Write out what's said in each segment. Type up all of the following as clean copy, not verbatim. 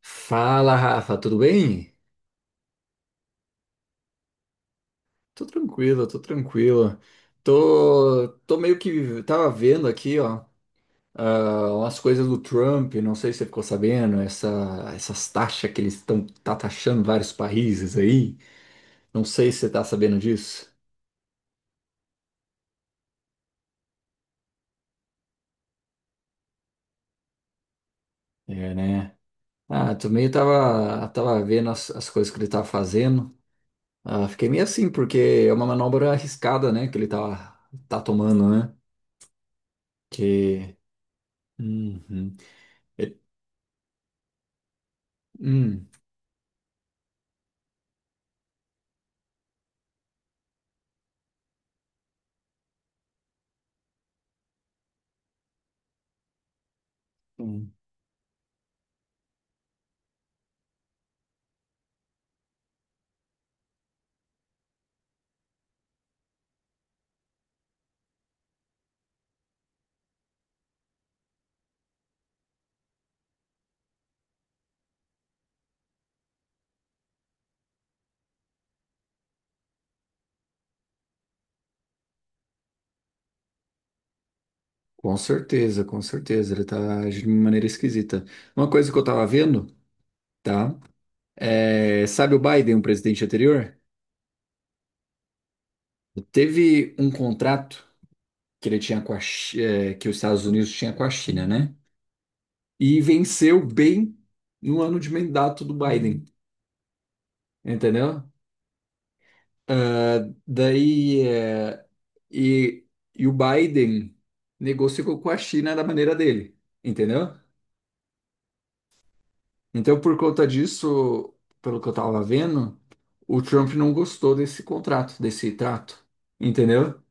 Fala, Rafa, tudo bem? Tô tranquilo, tô tranquilo. Tô meio que tava vendo aqui, ó, umas coisas do Trump, não sei se você ficou sabendo, essas taxas que eles estão tá taxando vários países aí. Não sei se você tá sabendo disso. É, né? Ah, também tava vendo as coisas que ele tava fazendo. Ah, fiquei meio assim, porque é uma manobra arriscada, né, que tá tomando, né? Que. Uhum. É- hum. Com certeza, com certeza. Ele tá agindo de uma maneira esquisita. Uma coisa que eu tava vendo, tá? É, sabe o Biden, o presidente anterior? Teve um contrato que ele tinha com que os Estados Unidos tinha com a China, né? E venceu bem no ano de mandato do Biden, entendeu? Daí, e, e o Biden negociou com a China da maneira dele, entendeu? Então, por conta disso, pelo que eu tava vendo, o Trump não gostou desse contrato, desse trato, entendeu?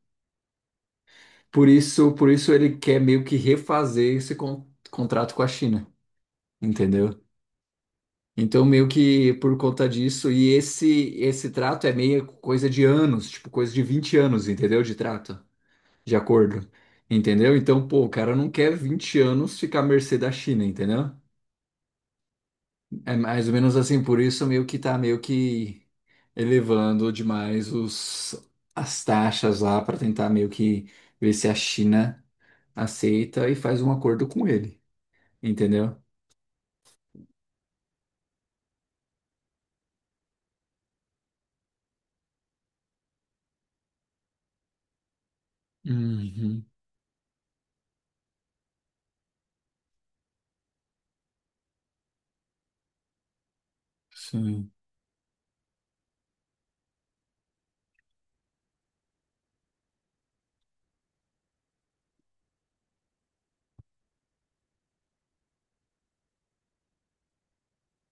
Por isso ele quer meio que refazer esse contrato com a China, entendeu? Então, meio que por conta disso, e esse trato é meio coisa de anos, tipo coisa de 20 anos, entendeu? De trato, de acordo, entendeu? Então, pô, o cara não quer 20 anos ficar à mercê da China, entendeu? É mais ou menos assim, por isso meio que tá meio que elevando demais as taxas lá para tentar meio que ver se a China aceita e faz um acordo com ele, entendeu? Uhum, sim,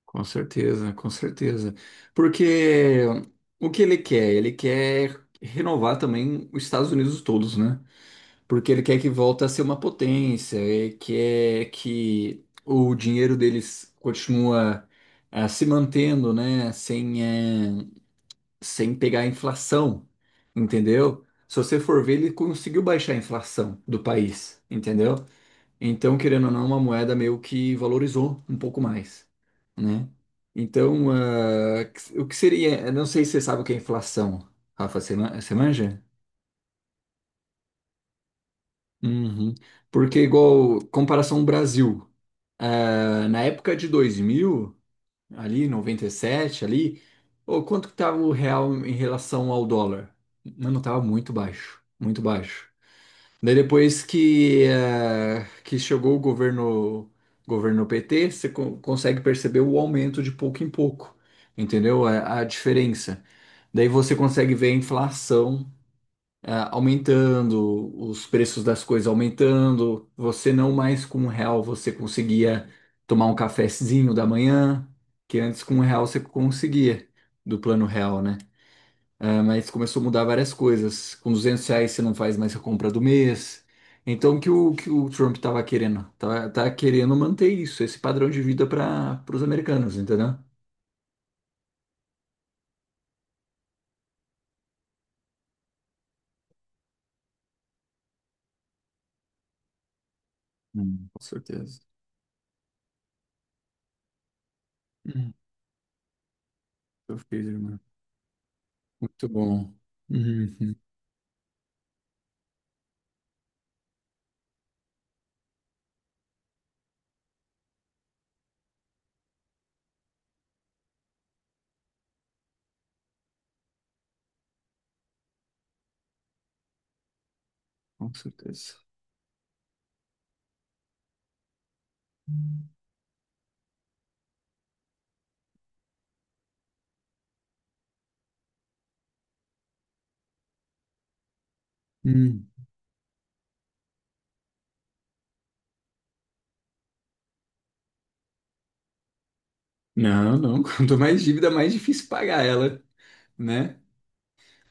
com certeza, com certeza. Porque o que ele quer? Ele quer renovar também os Estados Unidos todos, né? Porque ele quer que volta a ser uma potência, ele quer que o dinheiro deles continua se mantendo, né, sem pegar a inflação, entendeu? Se você for ver, ele conseguiu baixar a inflação do país, entendeu? Então, querendo ou não, é uma moeda meio que valorizou um pouco mais, né? Então, o que seria? Eu não sei se você sabe o que é inflação, Rafa, você você manja? Uhum. Porque, igual, comparação Brasil, na época de 2000 ali, 97 ali, ô, quanto que tava o real em relação ao dólar? Mano, tava muito baixo, muito baixo. Daí depois que, que chegou o governo, governo PT, você consegue perceber o aumento de pouco em pouco, entendeu? A diferença. Daí você consegue ver a inflação aumentando, os preços das coisas aumentando, você não mais com um real você conseguia tomar um cafezinho da manhã, que antes com um real você conseguia, do plano real, né? Ah, mas começou a mudar várias coisas. Com R$ 200 você não faz mais a compra do mês. Então, que o Trump estava querendo? Tá querendo manter isso, esse padrão de vida para os americanos, entendeu? Com certeza. Uhum. Perfeito, irmão. Muito bom. Uhum. Com certeza. Hum. Não, não. Quanto mais dívida, mais difícil pagar ela, né?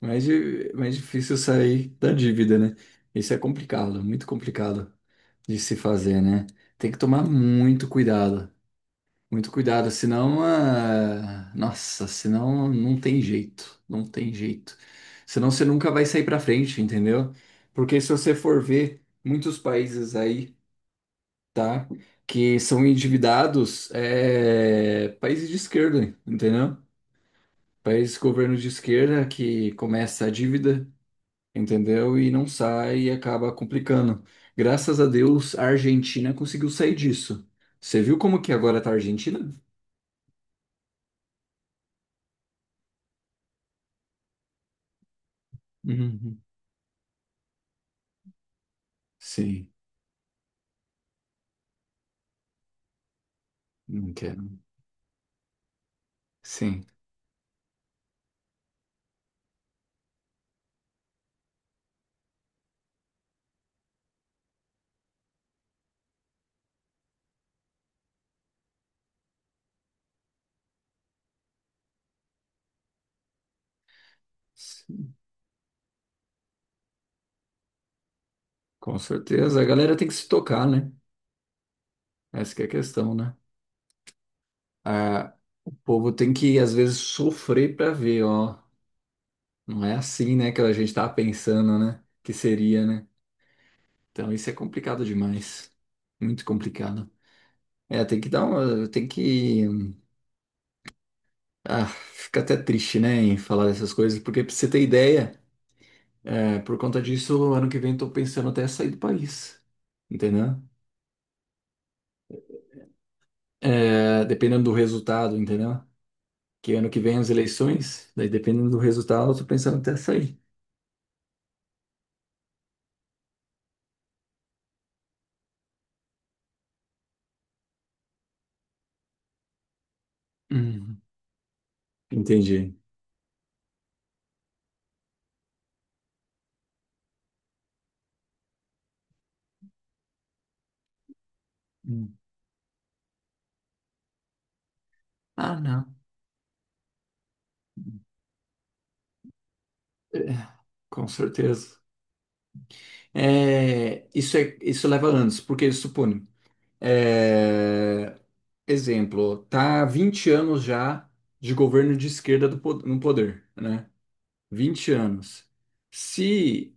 Mais difícil sair da dívida, né? Isso é complicado, muito complicado de se fazer, né? Tem que tomar muito cuidado, senão, ah, nossa, senão não tem jeito, não tem jeito. Senão você nunca vai sair pra frente, entendeu? Porque se você for ver muitos países aí, tá? Que são endividados, é... países de esquerda, entendeu? Países governo de esquerda que começa a dívida, entendeu? E não sai e acaba complicando. Graças a Deus, a Argentina conseguiu sair disso. Você viu como que agora tá a Argentina? Uhum. Sim, não quero. Sim, sim, com certeza. A galera tem que se tocar, né? Essa que é a questão, né? A, o povo tem que, às vezes, sofrer pra ver, ó. Não é assim, né, que a gente tava pensando, né? Que seria, né? Então isso é complicado demais. Muito complicado. É, tem que dar uma. Tem que. Ah, fica até triste, né, em falar dessas coisas, porque pra você ter ideia, é, por conta disso, ano que vem eu tô pensando até sair do país, entendeu? É, dependendo do resultado, entendeu? Que ano que vem as eleições, daí dependendo do resultado, eu tô pensando até sair. Hum, entendi. Hum. Ah, não. Com certeza. É, isso leva anos, porque suponho, exemplo, tá há 20 anos já de governo de esquerda no poder, né? 20 anos. Se,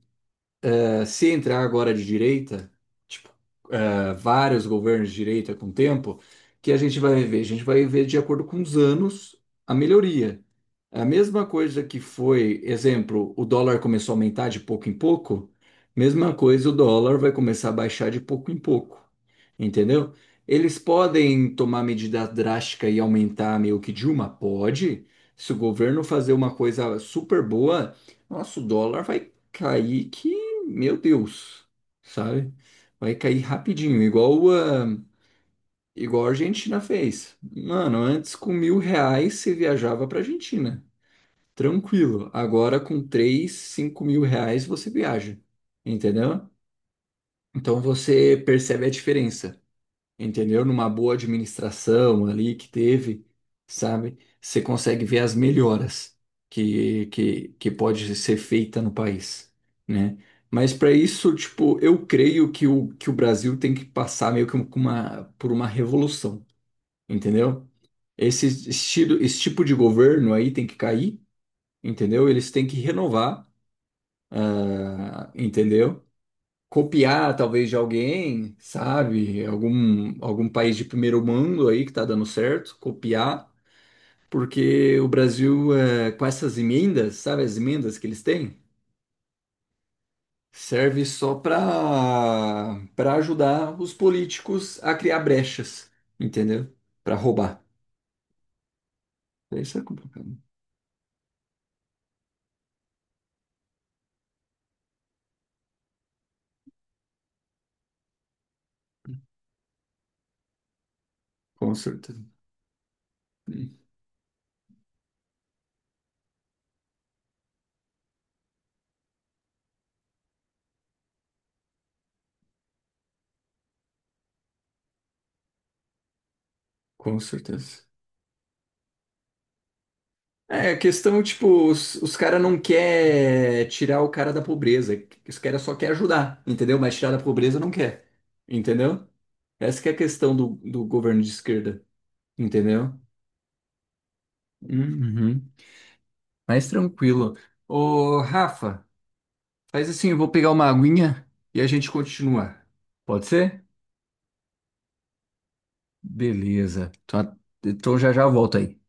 Se entrar agora de direita, tipo, eh, vários governos de direita com o tempo, que a gente vai ver? A gente vai ver de acordo com os anos a melhoria. A mesma coisa que foi, exemplo, o dólar começou a aumentar de pouco em pouco, mesma coisa o dólar vai começar a baixar de pouco em pouco, entendeu? Eles podem tomar medida drástica e aumentar meio que de uma? Pode. Se o governo fazer uma coisa super boa, nosso dólar vai cair que, meu Deus, sabe? Vai cair rapidinho, igual, ah, igual a Argentina fez. Mano, antes com R$ 1.000 você viajava pra Argentina. Tranquilo. Agora com R$ 3 a 5 mil você viaja, entendeu? Então você percebe a diferença, entendeu? Numa boa administração ali que teve, sabe? Você consegue ver as melhoras que pode ser feita no país, né? Mas para isso, tipo, eu creio que o Brasil tem que passar meio que por uma revolução, entendeu? Esse estilo, esse tipo de governo aí tem que cair, entendeu? Eles têm que renovar. Ah, entendeu? Copiar talvez de alguém, sabe? Algum país de primeiro mundo aí que tá dando certo, copiar, porque o Brasil, eh, com essas emendas, sabe as emendas que eles têm? Serve só para ajudar os políticos a criar brechas, entendeu? Para roubar. Isso é complicado. Com certeza. Com certeza. É, a questão, tipo, os caras não quer tirar o cara da pobreza. Os caras só quer ajudar, entendeu? Mas tirar da pobreza não quer, entendeu? Essa que é a questão do governo de esquerda, entendeu? Uhum. Mais tranquilo. Ô, Rafa, faz assim, eu vou pegar uma aguinha e a gente continua. Pode ser? Beleza. Então, então já já volto aí.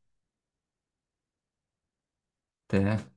Até.